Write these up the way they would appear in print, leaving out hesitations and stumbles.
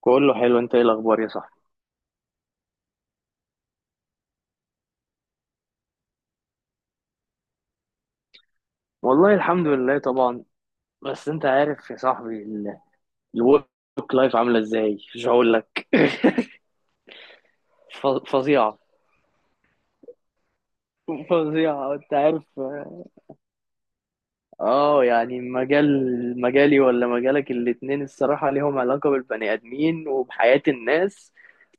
كله حلو، انت ايه الاخبار يا صاحبي؟ والله الحمد لله طبعا. بس انت عارف يا صاحبي الورك لايف عامله ازاي مش هقول لك. فظيعه. فظيعه انت عارف. اه يعني مجالي ولا مجالك، الاتنين الصراحه ليهم علاقه بالبني ادمين وبحياه الناس.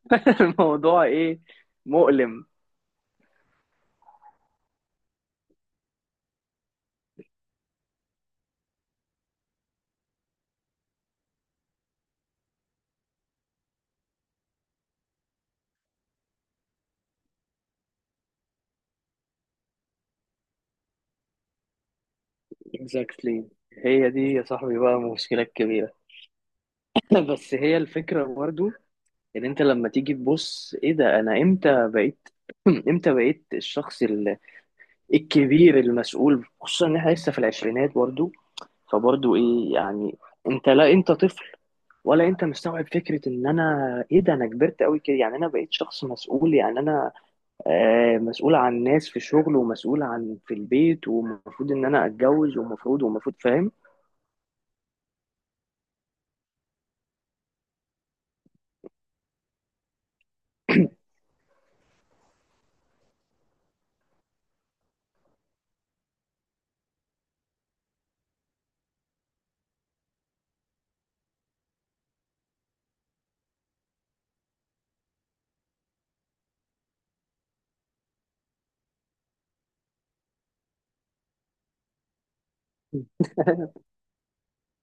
الموضوع ايه؟ مؤلم. Exactly. هي دي يا صاحبي بقى مشكله كبيره. بس هي الفكره برضو، ان انت لما تيجي تبص ايه ده، انا امتى بقيت؟ امتى بقيت الشخص الكبير المسؤول؟ خصوصا ان احنا لسه في العشرينات برضو. فبرضو ايه يعني؟ انت لا انت طفل، ولا انت مستوعب فكرة ان انا، ايه ده انا كبرت قوي كده؟ يعني انا بقيت شخص مسؤول. يعني انا آه، مسؤول عن ناس في الشغل، ومسؤول عن في البيت، ومفروض ان انا اتجوز، ومفروض، ومفروض، فاهم.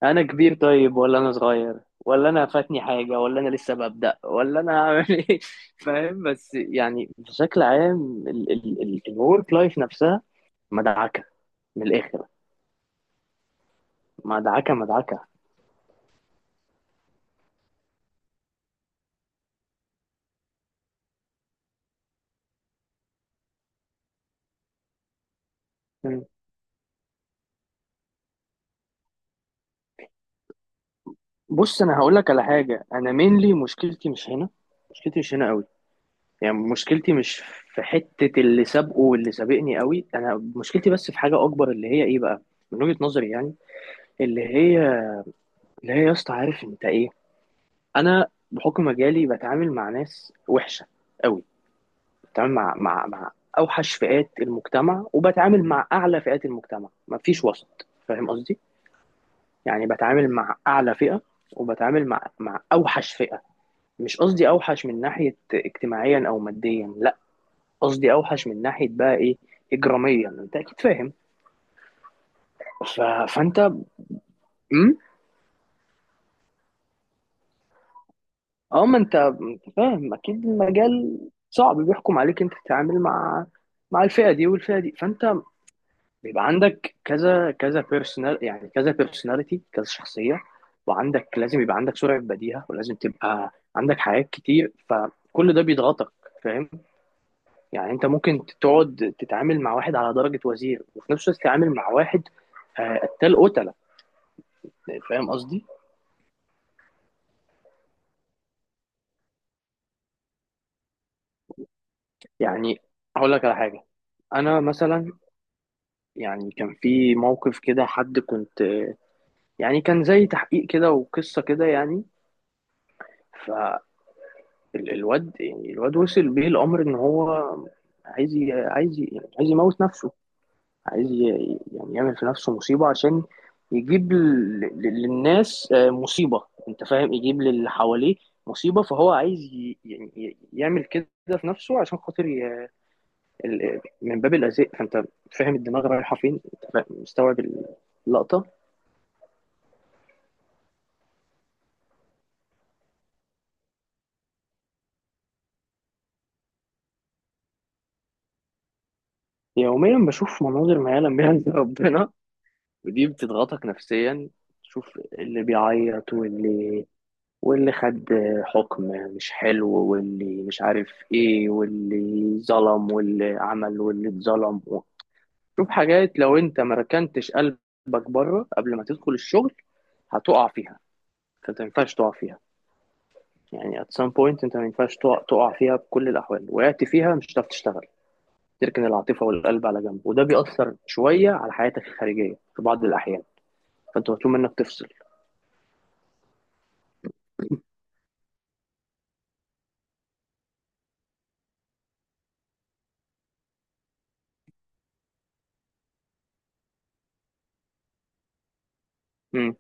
انا كبير طيب ولا انا صغير؟ ولا انا فاتني حاجه؟ ولا انا لسه ببدا؟ ولا انا هعمل ايه؟ فاهم، بس يعني بشكل عام. الورك لايف نفسها مدعكه من الاخر. مدعكه مدعكه. مم. بص انا هقول لك على حاجه، انا مينلي مشكلتي مش هنا. مشكلتي مش هنا قوي. يعني مشكلتي مش في حته اللي سابقه واللي سابقني قوي. انا مشكلتي بس في حاجه اكبر، اللي هي ايه بقى، من وجهه نظري يعني، اللي هي، اللي هي يا اسطى عارف انت ايه؟ انا بحكم مجالي بتعامل مع ناس وحشه قوي. بتعامل مع اوحش فئات المجتمع، وبتعامل مع اعلى فئات المجتمع. مفيش وسط، فاهم قصدي؟ يعني بتعامل مع اعلى فئه، وبتعامل مع اوحش فئه. مش قصدي اوحش من ناحيه اجتماعيا او ماديا، لا، قصدي اوحش من ناحيه بقى ايه، اجراميا، انت اكيد فاهم. ف... فانت، امم اه ما انت أنت فاهم اكيد، المجال صعب، بيحكم عليك انت تتعامل مع الفئه دي والفئه دي. فانت بيبقى عندك كذا، كذا بيرسونال يعني كذا بيرسوناليتي، كذا شخصية. وعندك لازم يبقى عندك سرعة بديهة، ولازم تبقى عندك حاجات كتير، فكل ده بيضغطك، فاهم؟ يعني انت ممكن تقعد تتعامل مع واحد على درجة وزير، وفي نفس الوقت تتعامل مع واحد آه، قتال، قتلة. فاهم قصدي؟ يعني هقول لك على حاجة. انا مثلا، يعني كان في موقف كده، حد كنت، يعني كان زي تحقيق كده وقصة كده يعني. الواد، يعني الواد وصل بيه الامر ان هو عايز عايز يموت نفسه. عايز يعمل في نفسه مصيبه، عشان يجيب للناس آه، مصيبه، انت فاهم، يجيب للي حواليه مصيبه. فهو عايز يعمل كده في نفسه عشان خاطر من باب الاذى. فانت فاهم الدماغ رايحه فين، انت فاهم، مستوعب اللقطه. يوميا بشوف مناظر ما يعلم بها الا ربنا، ودي بتضغطك نفسيا. تشوف اللي بيعيط، واللي خد حكم مش حلو، واللي مش عارف ايه، واللي ظلم، واللي عمل، واللي اتظلم. شوف حاجات لو انت ما ركنتش قلبك بره قبل ما تدخل الشغل هتقع فيها. فانت ما ينفعش تقع فيها. يعني at some point انت ما ينفعش تقع فيها. بكل الاحوال، وقعت فيها مش هتعرف تشتغل. تركن العاطفة والقلب على جنب، وده بيأثر شوية على حياتك الخارجية في بعض الأحيان. فأنت مطلوب منك تفصل. امم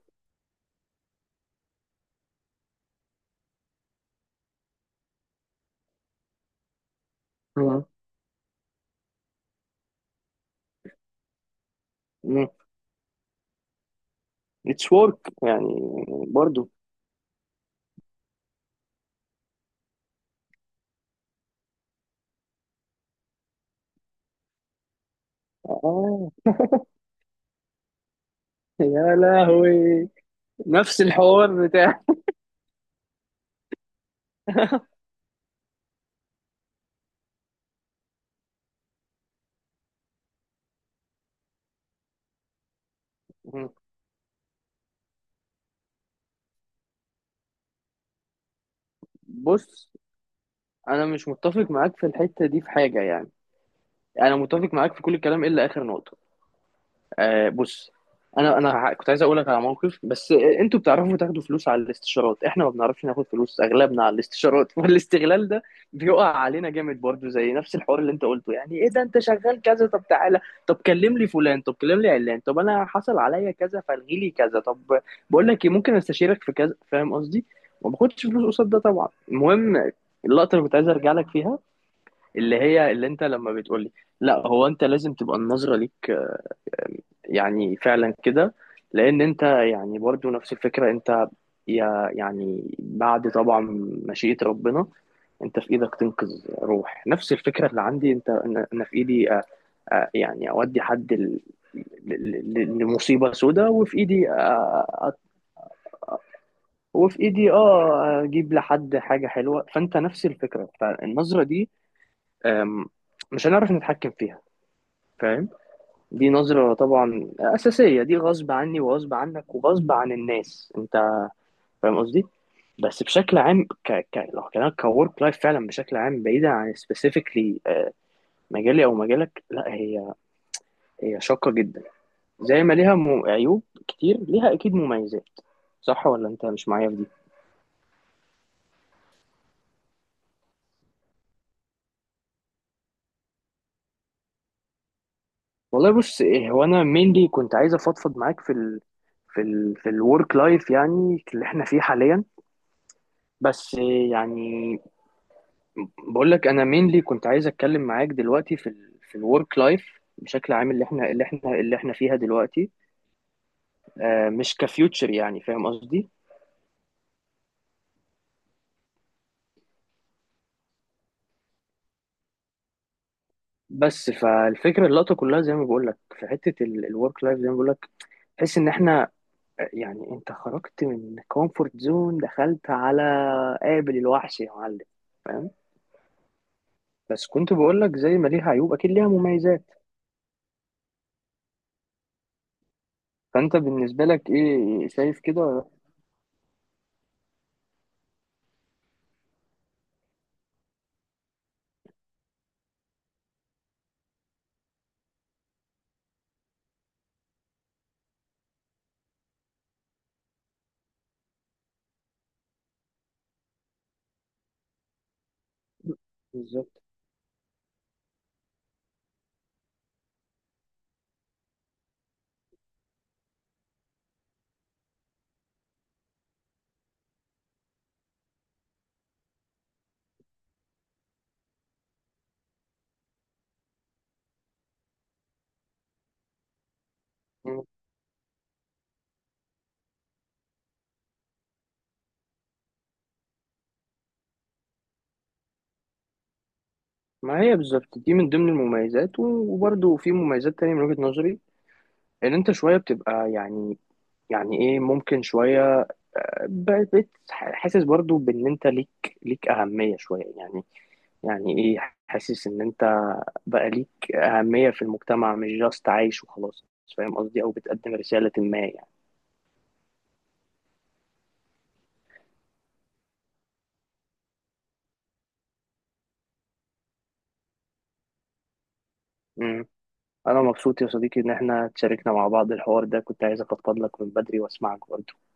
امم اتس ورك يعني. برضو اه. يا لهوي، نفس الحوار بتاع. بص انا مش متفق معاك في الحته دي في حاجه يعني. انا متفق معاك في كل الكلام الا اخر نقطه. آه بص، كنت عايز اقول لك على موقف، بس آه، انتوا بتعرفوا تاخدوا فلوس على الاستشارات، احنا ما بنعرفش ناخد فلوس اغلبنا على الاستشارات. والاستغلال ده بيقع علينا جامد برضو، زي نفس الحوار اللي انت قلته. يعني ايه ده انت شغال كذا؟ طب تعالى، طب كلم لي فلان، طب كلم لي علان، طب انا حصل عليا كذا فالغي لي كذا، طب بقول لك ايه ممكن استشيرك في كذا، فاهم قصدي؟ ما باخدش فلوس قصاد ده طبعا. المهم، اللقطه اللي كنت عايز ارجع لك فيها، اللي هي اللي انت لما بتقول لي، لا هو انت لازم تبقى النظره ليك يعني فعلا كده. لان انت يعني برضو نفس الفكره، انت يا يعني بعد طبعا مشيئه ربنا، انت في ايدك تنقذ روح. نفس الفكره اللي عندي. انت انا في ايدي اودي حد لمصيبه سوداء، وفي ايدي أ- وفي ايدي اه اجيب لحد حاجه حلوه. فانت نفس الفكره، فالنظره دي أم، مش هنعرف نتحكم فيها، فاهم؟ دي نظرة طبعا أساسية، دي غصب عني وغصب عنك وغصب عن الناس، أنت فاهم قصدي؟ بس بشكل عام لو كلامك كورك لايف فعلا بشكل عام، بعيدا عن سبيسيفيكلي مجالي أو مجالك، لا هي، هي شاقة جدا. زي ما ليها عيوب كتير، ليها أكيد مميزات. صح ولا أنت مش معايا في دي؟ والله بص إيه، هو أنا مينلي كنت عايز أفضفض معاك في في الورك لايف يعني اللي إحنا فيه حاليا. بس يعني بقول لك انا مينلي كنت عايز اتكلم معاك دلوقتي في في الورك لايف بشكل عام، اللي احنا فيها دلوقتي، آه، مش كفيوتشر، يعني فاهم قصدي. بس فالفكره اللقطه كلها زي ما بقول لك، في حته الورك لايف زي ما بقول لك، تحس ان احنا آه، يعني انت خرجت من كومفورت زون، دخلت على قابل الوحش يا معلم، فاهم؟ بس كنت بقول لك زي ما ليها عيوب اكيد ليها مميزات. فانت بالنسبه لك ايه شايف كده؟ بالظبط. ما هي بالظبط دي من ضمن المميزات، وبرضه في مميزات تانية من وجهة نظري، ان انت شوية بتبقى يعني، يعني ايه، ممكن شوية حاسس برضه بان انت ليك، ليك اهمية شوية يعني. يعني ايه، حاسس ان انت بقى ليك اهمية في المجتمع، مش جاست عايش وخلاص، فاهم قصدي؟ او بتقدم رسالة ما يعني. مم. انا مبسوط يا صديقي ان احنا تشاركنا مع بعض الحوار ده، كنت عايز افضفض لك من بدري واسمعك برضه.